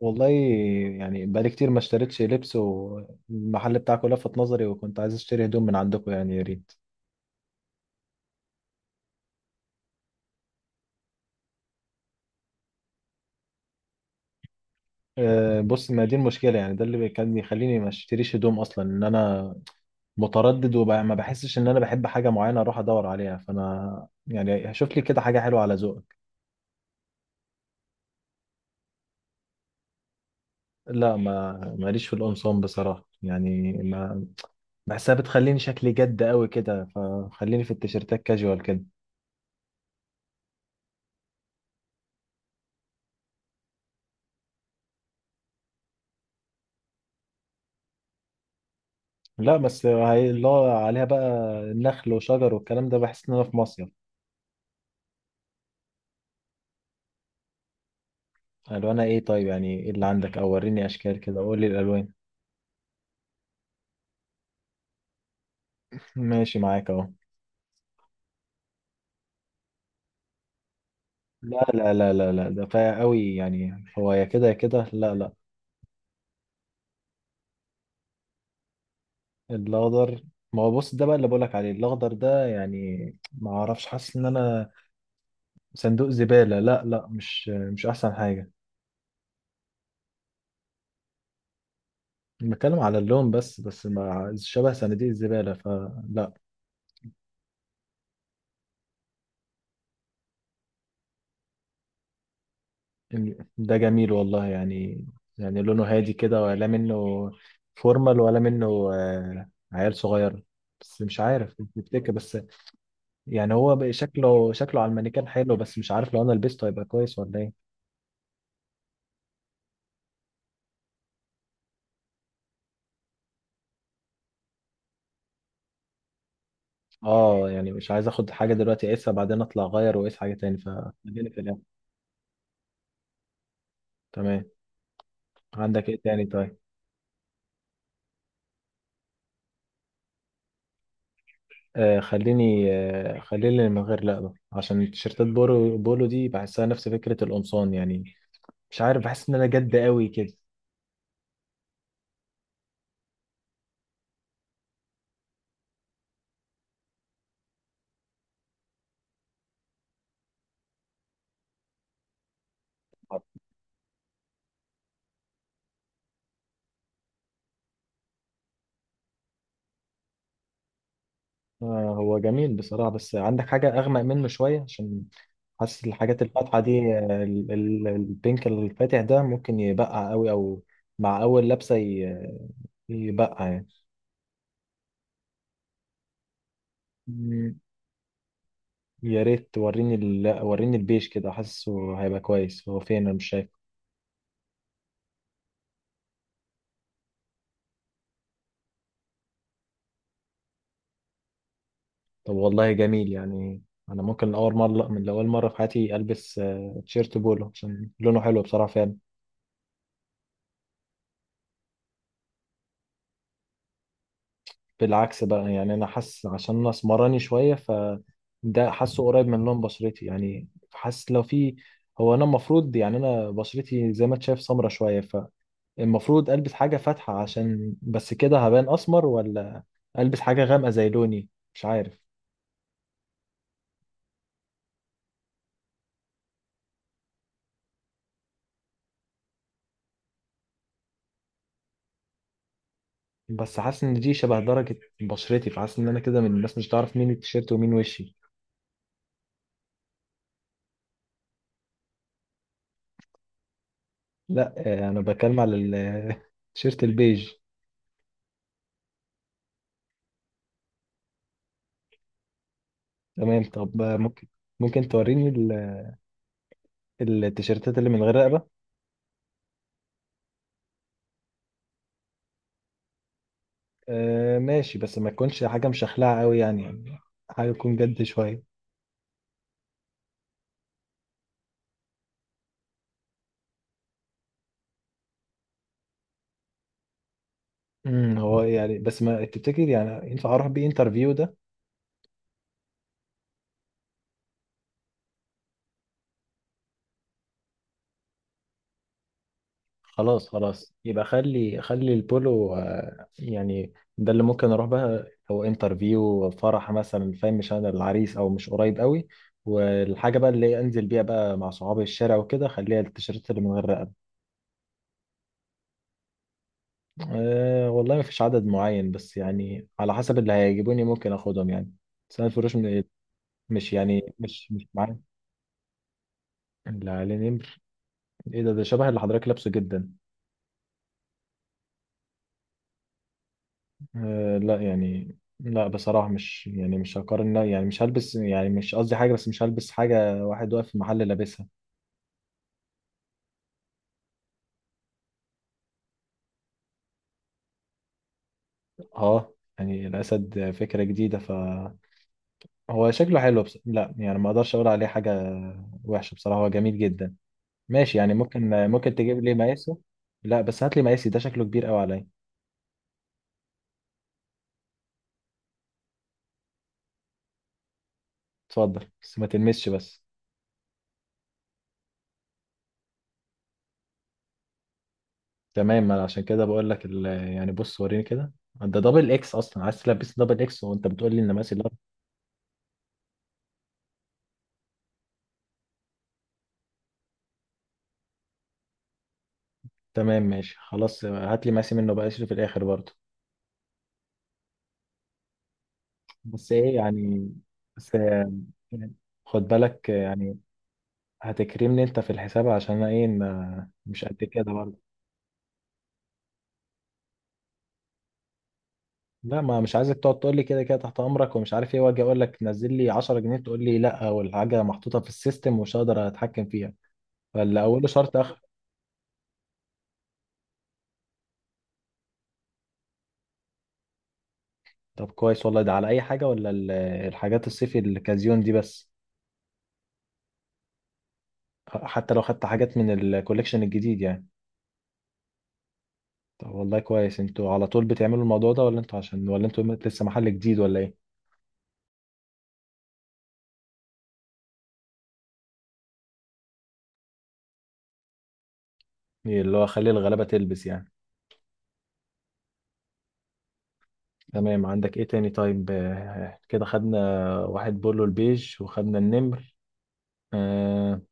والله. يعني بقالي كتير ما اشتريتش لبس، والمحل بتاعك لفت نظري وكنت عايز اشتري هدوم من عندكم، يعني يا ريت. أه بص، ما دي المشكلة يعني، ده اللي كان يخليني ما اشتريش هدوم اصلا، ان انا متردد وما بحسش ان انا بحب حاجة معينة اروح ادور عليها. فانا يعني شوف لي كده حاجة حلوة على ذوقك. لا، ما ماليش في القمصان بصراحة، يعني ما بحسها بتخليني شكلي جد قوي كده، فخليني في التيشيرتات كاجوال كده. لا بس اللي هو عليها بقى نخل وشجر والكلام ده، بحس ان انا في مصيف. الوانها ايه طيب؟ يعني ايه اللي عندك؟ او وريني اشكال كده، قول لي الالوان. ماشي معاك اهو. لا لا لا لا لا، ده فايق قوي يعني، هو يا كده يا كده، لا لا. الاخضر؟ ما هو بص، ده بقى اللي بقولك عليه، الاخضر ده يعني ما اعرفش، حاسس ان انا صندوق زبالة. لا لا، مش احسن حاجة. بتكلم على اللون بس، بس مع شبه صناديق الزبالة فلا. ده جميل والله يعني. يعني لونه هادي كده، ولا منه فورمال، ولا منه عيال صغير؟ بس مش عارف، تفتكر؟ بس يعني هو بقى شكله، شكله على المانيكان حلو، بس مش عارف لو انا لبسته هيبقى كويس ولا ايه. اه يعني مش عايز اخد حاجه دلوقتي اقيسها، بعدين اطلع اغير واقيس حاجه تاني، فخليني في الاخر. تمام. عندك ايه تاني طيب؟ خليني، خليني من غير لقبه، عشان تيشيرتات بولو، دي بحسها نفس فكره القمصان يعني، مش عارف، بحس ان انا جد قوي كده. هو جميل بصراحة، بس عندك حاجة أغمق منه شوية؟ عشان حاسس الحاجات الفاتحة دي، البينك الفاتح ده ممكن يبقع قوي، أو مع أول لبسة يبقع يعني. مم، يا ريت وريني وريني البيج كده، حاسه هيبقى كويس. هو فين؟ أنا مش شايفه. طب والله جميل يعني. أنا ممكن أول مرة، من أول مرة في حياتي ألبس تيشيرت بولو عشان لونه حلو بصراحة، فعلا. بالعكس بقى يعني، انا حاسس، عشان انا اسمراني شويه، فده حاسه قريب من لون بشرتي يعني. حاسس لو في، هو انا المفروض يعني، انا بشرتي زي ما انت شايف سمره شويه، فالمفروض البس حاجه فاتحه عشان بس كده هبان اسمر، ولا البس حاجه غامقه زي لوني؟ مش عارف. بس حاسس ان دي شبه درجه بشرتي، فحاسس ان انا كده من الناس مش هتعرف مين التيشيرت ومين وشي. لا انا بتكلم على التيشيرت البيج. تمام طب، ممكن، ممكن توريني التيشيرتات اللي من غير رقبه؟ آه ماشي، بس ما تكونش حاجة مشخلعة قوي، يعني يعني حاجة تكون جد شوية. هو يعني، بس ما تفتكر يعني ينفع اروح بيه انترفيو ده؟ خلاص خلاص، يبقى خلي البولو يعني ده اللي ممكن اروح بقى هو انترفيو فرح مثلا، فاهم؟ مش انا العريس او مش قريب قوي. والحاجة بقى اللي انزل بيها بقى مع صحابي الشارع وكده، خليها التيشيرت اللي من غير رقبة. أه والله، ما فيش عدد معين، بس يعني على حسب اللي هيجيبوني ممكن اخدهم يعني. بس انا الفروش مش يعني مش مش معايا. اللي عليه نمر؟ ايه ده؟ ده شبه اللي حضرتك لابسه جدا. آه لا يعني، لا بصراحة مش، يعني مش هقارن، لا يعني مش هلبس، يعني مش قصدي حاجة، بس مش هلبس حاجة واحد واقف في محل لابسها. اه يعني الأسد فكرة جديدة، فهو شكله حلو، بس لا يعني ما اقدرش اقول عليه حاجة وحشة بصراحة، هو جميل جدا. ماشي يعني، ممكن، ممكن تجيب لي مقاسه. لا بس هات لي مقاسي، ده شكله كبير قوي عليا. اتفضل، بس ما تلمسش بس. تمام، ما انا عشان كده بقول لك يعني بص وريني كده، ده دبل اكس اصلا، عايز تلبس دبل اكس وانت بتقول لي ان مقاسي ده؟ تمام ماشي خلاص، هات لي مقاسي منه بقى، اشيله في الاخر برضه. بس ايه يعني، بس يعني خد بالك يعني، هتكرمني انت في الحساب، عشان انا ايه مش قد كده برضه. لا، ما مش عايزك تقعد تقول لي كده كده تحت امرك ومش عارف ايه، واجي اقول لك نزل لي 10 جنيه تقول لي لا، والحاجه محطوطه في السيستم ومش هقدر اتحكم فيها. فاللي اوله شرط. طب كويس والله، ده على اي حاجه، ولا الحاجات الصيفي الكازيون دي بس؟ حتى لو خدت حاجات من الكوليكشن الجديد يعني؟ طب والله كويس، انتوا على طول بتعملوا الموضوع ده، ولا انتوا عشان، ولا انتوا لسه محل جديد، ولا ايه؟ إيه اللي هو، خلي الغلابه تلبس يعني. تمام. عندك ايه تاني طيب؟ كده خدنا واحد بولو البيج، وخدنا النمر. آه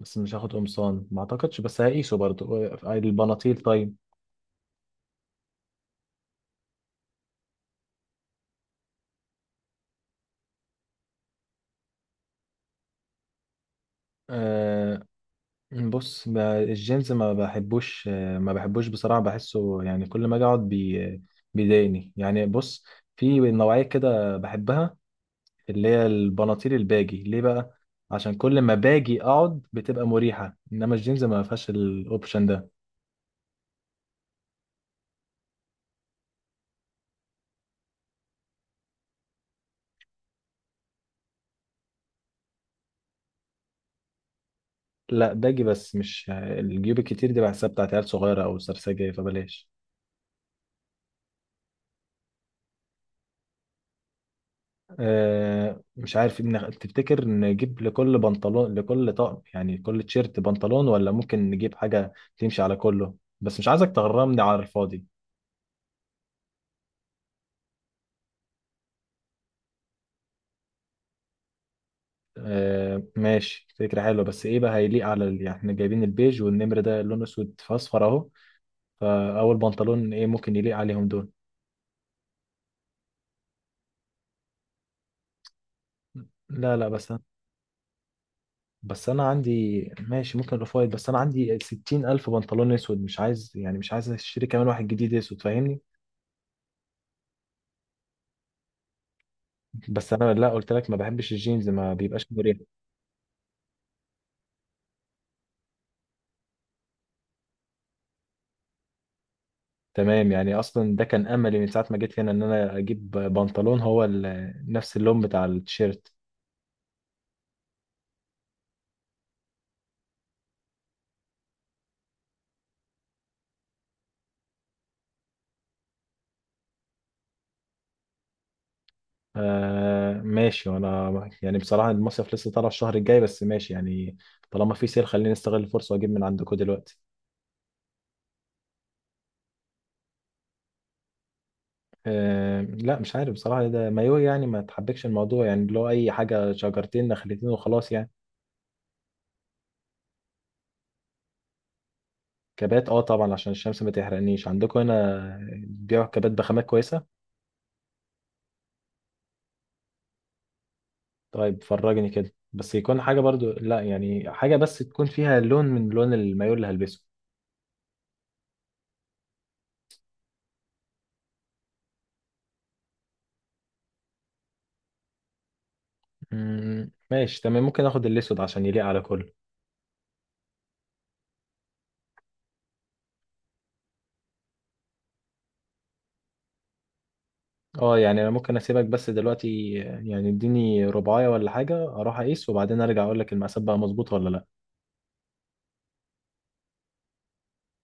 بس مش هاخد قمصان ما اعتقدش، بس هقيسه برضه. البناطيل طيب. آه، بص الجيمز ما بحبوش، ما بحبوش بصراحة، بحسه يعني كل ما اجي اقعد بي بيضايقني يعني. بص، في نوعية كده بحبها، اللي هي البناطيل الباجي. ليه بقى؟ عشان كل ما باجي اقعد بتبقى مريحة، انما الجيمز ما فيهاش الاوبشن ده. لا باجي، بس مش الجيوب الكتير دي، بحسها بتاعت عيال صغيرة او سرسجة، فبلاش. مش عارف تفتكر نجيب لكل بنطلون، لكل طقم يعني كل تيشيرت بنطلون، ولا ممكن نجيب حاجة تمشي على كله؟ بس مش عايزك تغرمني على الفاضي. آه ماشي، فكرة حلوة، بس ايه بقى هيليق على يعني احنا جايبين البيج والنمر ده لونه اسود في اصفر اهو، فاول بنطلون ايه ممكن يليق عليهم دول؟ لا لا، بس انا عندي، ماشي ممكن الاوف وايت، بس انا عندي 60 الف بنطلون اسود، مش عايز يعني، مش عايز اشتري كمان واحد جديد اسود، فاهمني؟ بس انا لا، قلت لك ما بحبش الجينز، ما بيبقاش مريح. تمام، يعني اصلا ده كان املي من ساعه ما جيت هنا، ان انا اجيب بنطلون هو نفس اللون بتاع التيشيرت. آه ماشي. وانا يعني بصراحه المصيف لسه طالع الشهر الجاي، بس ماشي يعني، طالما في سيل خليني استغل الفرصه واجيب من عندكم دلوقتي. آه لا مش عارف بصراحه، ده مايو يعني ما تحبكش الموضوع يعني، اللي هو اي حاجه شجرتين نخلتين وخلاص يعني. كبات؟ اه طبعا، عشان الشمس ما تحرقنيش. عندكم هنا بيبيعوا كبات بخامات كويسه؟ طيب فرجني كده، بس يكون حاجة برضو، لا يعني حاجة بس تكون فيها لون من لون المايو اللي هلبسه. ماشي تمام، ممكن اخد الاسود عشان يليق على كله. اه يعني انا ممكن اسيبك، بس دلوقتي يعني اديني رباية ولا حاجة اروح اقيس، وبعدين ارجع اقول لك المقاسات بقى مظبوطة ولا لا.